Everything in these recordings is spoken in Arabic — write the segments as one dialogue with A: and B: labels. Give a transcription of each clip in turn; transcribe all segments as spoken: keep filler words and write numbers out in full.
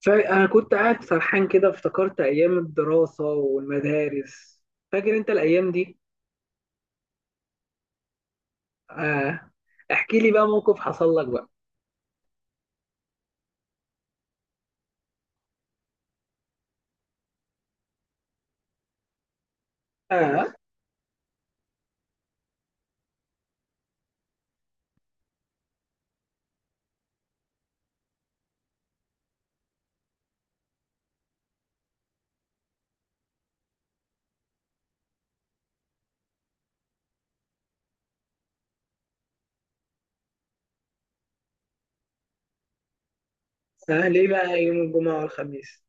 A: فأنا كنت قاعد سرحان كده، افتكرت أيام الدراسة والمدارس. فاكر أنت الأيام دي؟ آه. احكي لي بقى موقف حصل لك بقى. آه. آه ليه بقى يوم الجمعة والخميس؟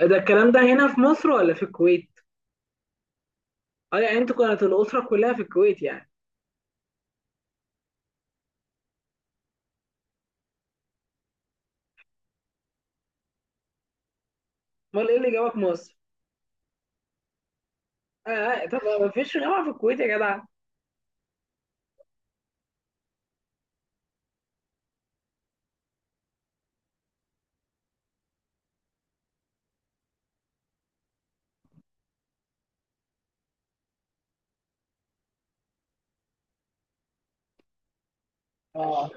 A: ده الكلام ده هنا في مصر ولا في الكويت؟ اه، يعني انتوا كانت الأسرة كلها في الكويت يعني. امال ايه اللي جابك مصر؟ آه، آه، طب ما فيش جامعة في الكويت يا جدع. اه.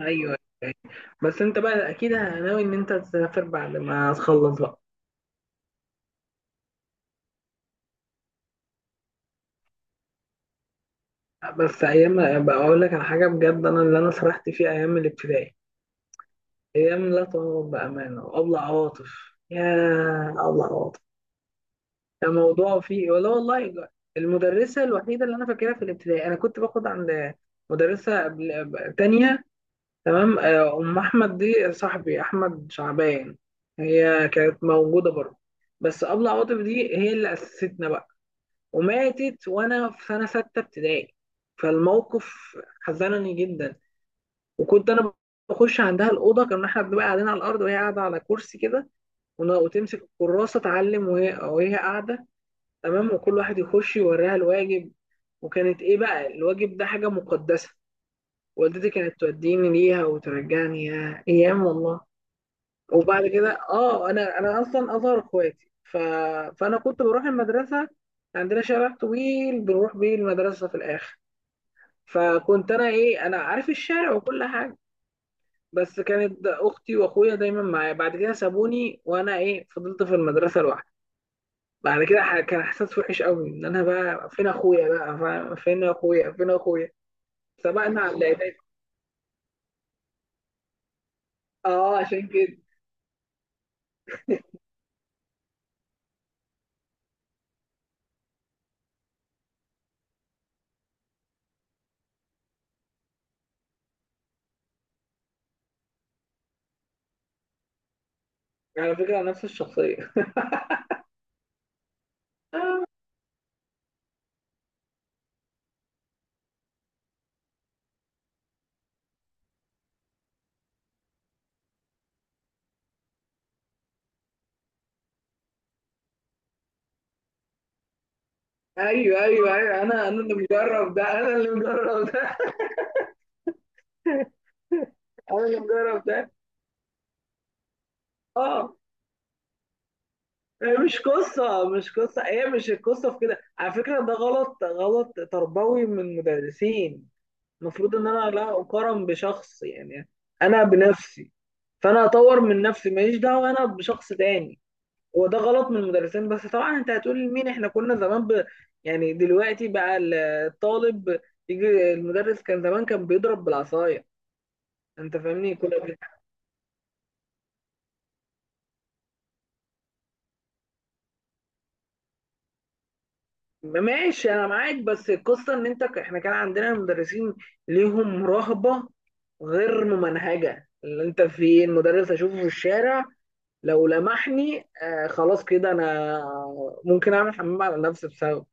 A: ايوه. أيوة. بس انت بقى اكيد ناوي ان انت تسافر بعد ما تخلص بقى. بس ايام بقى اقول لك على حاجه بجد، انا اللي انا سرحت فيه ايام الابتدائي. ايام لا تعوض بامانه. وابلع عواطف يا ابلع عواطف. الموضوع فيه ولا والله. المدرسه الوحيده اللي انا فاكرها في الابتدائي، انا كنت باخد عند مدرسه قبل تانية. تمام، آه، ام احمد دي صاحبي احمد شعبان. هي كانت موجوده برضه. بس ابلع عواطف دي هي اللي اسستنا بقى. وماتت وانا في سنه سته ابتدائي. فالموقف حزنني جدا. وكنت انا بخش عندها الاوضه، كنا احنا بنبقى قاعدين على الارض وهي قاعده على كرسي كده، ون- وتمسك الكراسه تعلم وهي وهي قاعده. تمام، وكل واحد يخش يوريها الواجب. وكانت ايه بقى؟ الواجب ده حاجه مقدسه. والدتي كانت توديني ليها وترجعني. يا ايام والله. وبعد كده اه انا انا اصلا اصغر اخواتي، ف... فانا كنت بروح المدرسه. عندنا شارع طويل بنروح بيه المدرسه في الاخر. فكنت انا ايه انا عارف الشارع وكل حاجه. بس كانت اختي واخويا دايما معايا، بعد كده سابوني وانا ايه فضلت في المدرسه لوحدي. بعد كده ح- كان احساس وحش قوي، ان انا بقى فين اخويا بقى، فاهم؟ فين اخويا، فين اخويا. سبقنا على الاعدادي. اه عشان كده. على فكره نفس الشخصيه. ايوه، ايوه، ايوه، انا انا اللي مجرب ده، انا اللي مجرب ده. انا اللي مجرب ده. اه. هي مش قصه، مش قصه، هي مش القصه في كده. على فكره ده غلط، غلط تربوي من المدرسين. المفروض ان انا لا اقارن بشخص يعني. انا بنفسي. فانا اطور من نفسي، ماليش دعوه انا بشخص تاني. هو ده غلط من المدرسين، بس طبعا انت هتقول لمين، احنا كنا زمان ب... يعني دلوقتي بقى، الطالب يجي المدرس كان زمان كان بيضرب بالعصايه. انت فاهمني كنا... ماشي انا معاك، بس القصه ان انت ك- احنا كان عندنا مدرسين ليهم رهبه غير ممنهجه. اللي انت في، المدرس اشوفه في الشارع لو لمحني آه، خلاص كده انا ممكن اعمل حمام على نفسي بسبب.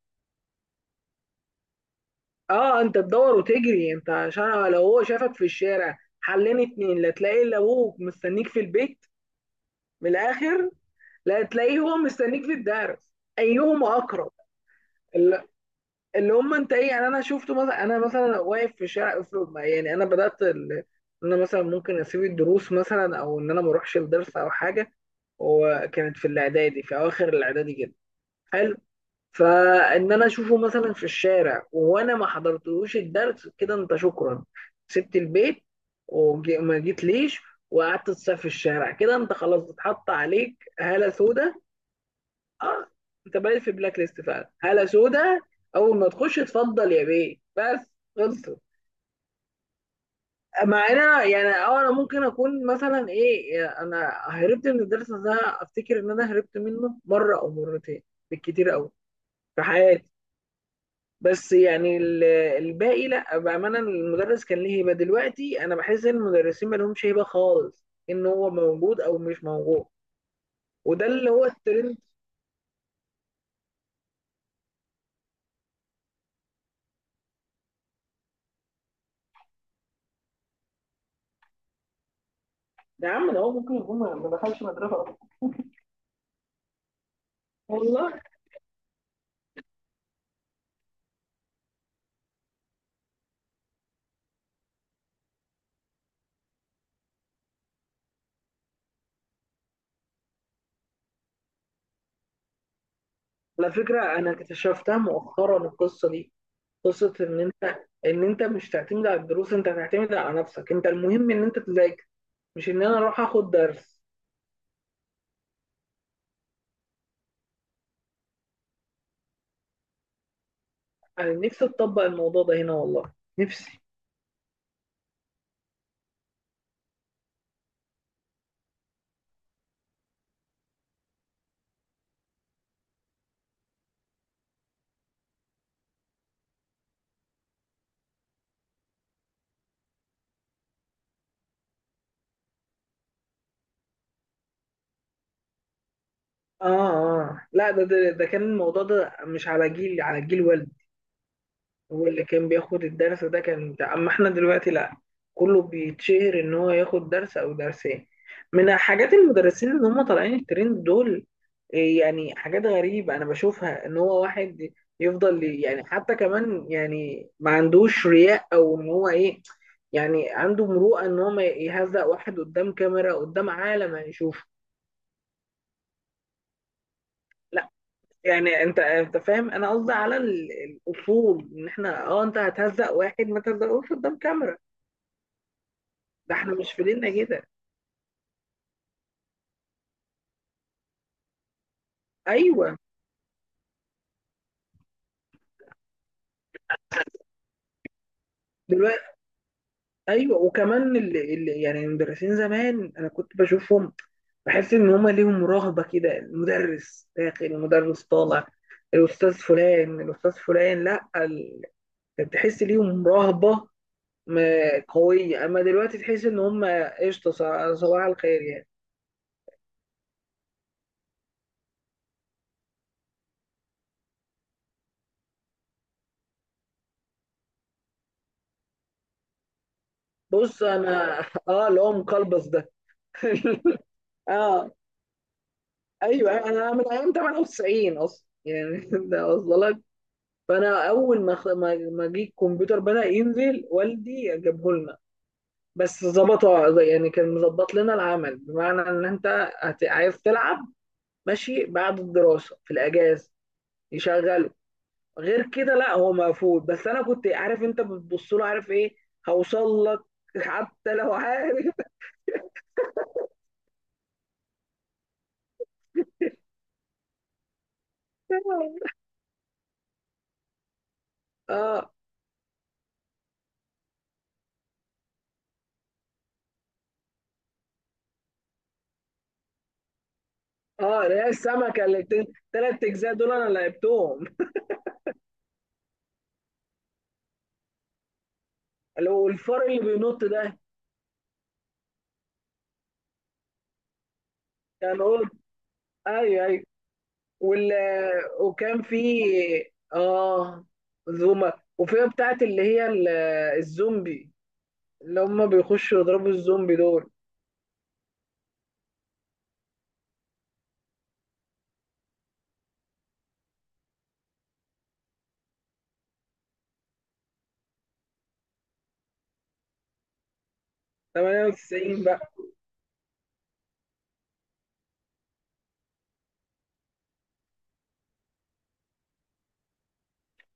A: اه انت تدور وتجري انت، عشان لو هو شافك في الشارع حلين اتنين، لا تلاقي الا ابوك مستنيك في البيت. من الاخر. لا تلاقيه هو مستنيك في الدرس. ايهما اقرب. اللي هم انت ايه يعني، انا شفته مثلا، انا مثلا واقف في شارع افرض ما- يعني انا بدات ال... ان انا مثلا ممكن اسيب الدروس مثلا، او ان انا ما اروحش الدرس او حاجه. وكانت في الاعدادي، في اواخر الاعدادي كده. حلو. فان انا اشوفه مثلا في الشارع وانا ما حضرتلوش الدرس، كده انت شكرا، سبت البيت وما جيت ليش وقعدت تسافر في الشارع، كده انت خلاص اتحط عليك هاله سودا. اه انت بقيت في بلاك ليست فعلا، هالة سودا. اول ما تخش اتفضل يا بيه بس. خلصت. مع ان انا يعني، اه انا ممكن اكون مثلا ايه، يعني انا هربت من الدرس ده، افتكر ان انا هربت منه مره او مرتين بالكتير قوي في حياتي. بس يعني ال- الباقي لا بامانه، المدرس كان ليه هيبه. دلوقتي انا بحس ان المدرسين ما لهمش هيبه خالص، ان هو موجود او مش موجود. وده اللي هو الترند. يا عم ده هو ممكن يكون ما ما دخلش مدرسه اصلا. والله. على فكرة أنا اكتشفتها مؤخرا القصة دي، قصة إن أنت، إن أنت مش تعتمد على الدروس، أنت تعتمد على نفسك، أنت المهم إن أنت تذاكر، مش إن أنا أروح آخد درس. أنا نفسي أطبق الموضوع ده هنا والله. نفسي. آه، آه، لا ده ده, ده كان الموضوع ده مش على جيلي، على جيل والدي. هو اللي كان بياخد الدرس ده كان بتاع، اما احنا دلوقتي لا، كله بيتشهر ان هو ياخد درس او درسين. من حاجات المدرسين اللي هم طالعين الترند دول، إيه يعني حاجات غريبة انا بشوفها، ان هو واحد يفضل ي- يعني حتى كمان، يعني ما عندوش رياء، او ان هو ايه، يعني عنده مروءة ان هو ما يهزق واحد قدام كاميرا قدام عالم هيشوفه. لا يعني انت انت فاهم انا قصدي على ال- الاصول، ان احنا، اه انت هتهزق واحد، ما تهزقوش قدام كاميرا. ده احنا مش في ديننا كده. ايوه. دلوقتي. ايوه، وكمان اللي اللي يعني المدرسين زمان انا كنت بشوفهم بحس ان هما ليهم رهبه كده. المدرس داخل، المدرس طالع، الاستاذ فلان، الاستاذ فلان، لا ال... كنت تحس ليهم رهبه م- قويه. اما دلوقتي تحس ان هما قشطه، ص- صباح الخير يعني. بص انا اه، اللي هو مقلبص ده. اه ايوه، انا من ايام تمانية وتسعين اصلا يعني. ده وصل. فانا اول ما خ- ما ما جه الكمبيوتر بدأ ينزل، والدي جابه لنا. بس ظبطه، يعني كان مظبط لنا العمل، بمعنى ان انت هت- عايز تلعب ماشي، بعد الدراسه في الاجازه يشغله. غير كده لا هو مقفول. بس انا كنت عارف، انت بتبص له عارف ايه، هوصل لك حتى لو عارف. اه، اه، اللي هي السمكه اللي ثلاث اجزاء دول انا لعبتهم. اللي هو الفار اللي بينط ده. كان قلت. ايوه، ايوه. وال... وكان في اه زوما، وفيها بتاعت اللي هي ال- الزومبي، اللي هم بيخشوا يضربوا الزومبي دول. تمانية وتسعين بقى.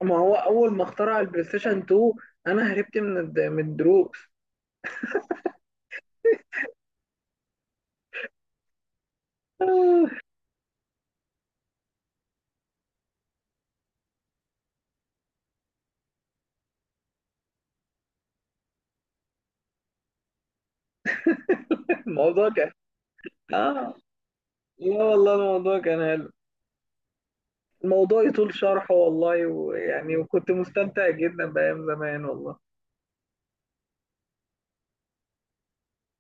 A: ما هو اول ما اخترع البلاي ستيشن اتنين انا هربت من الد- من الدروس. الموضوع كان. اه لا والله الموضوع كان حلو. الموضوع يطول شرحه والله، ويعني وكنت مستمتع جدا بأيام زمان والله.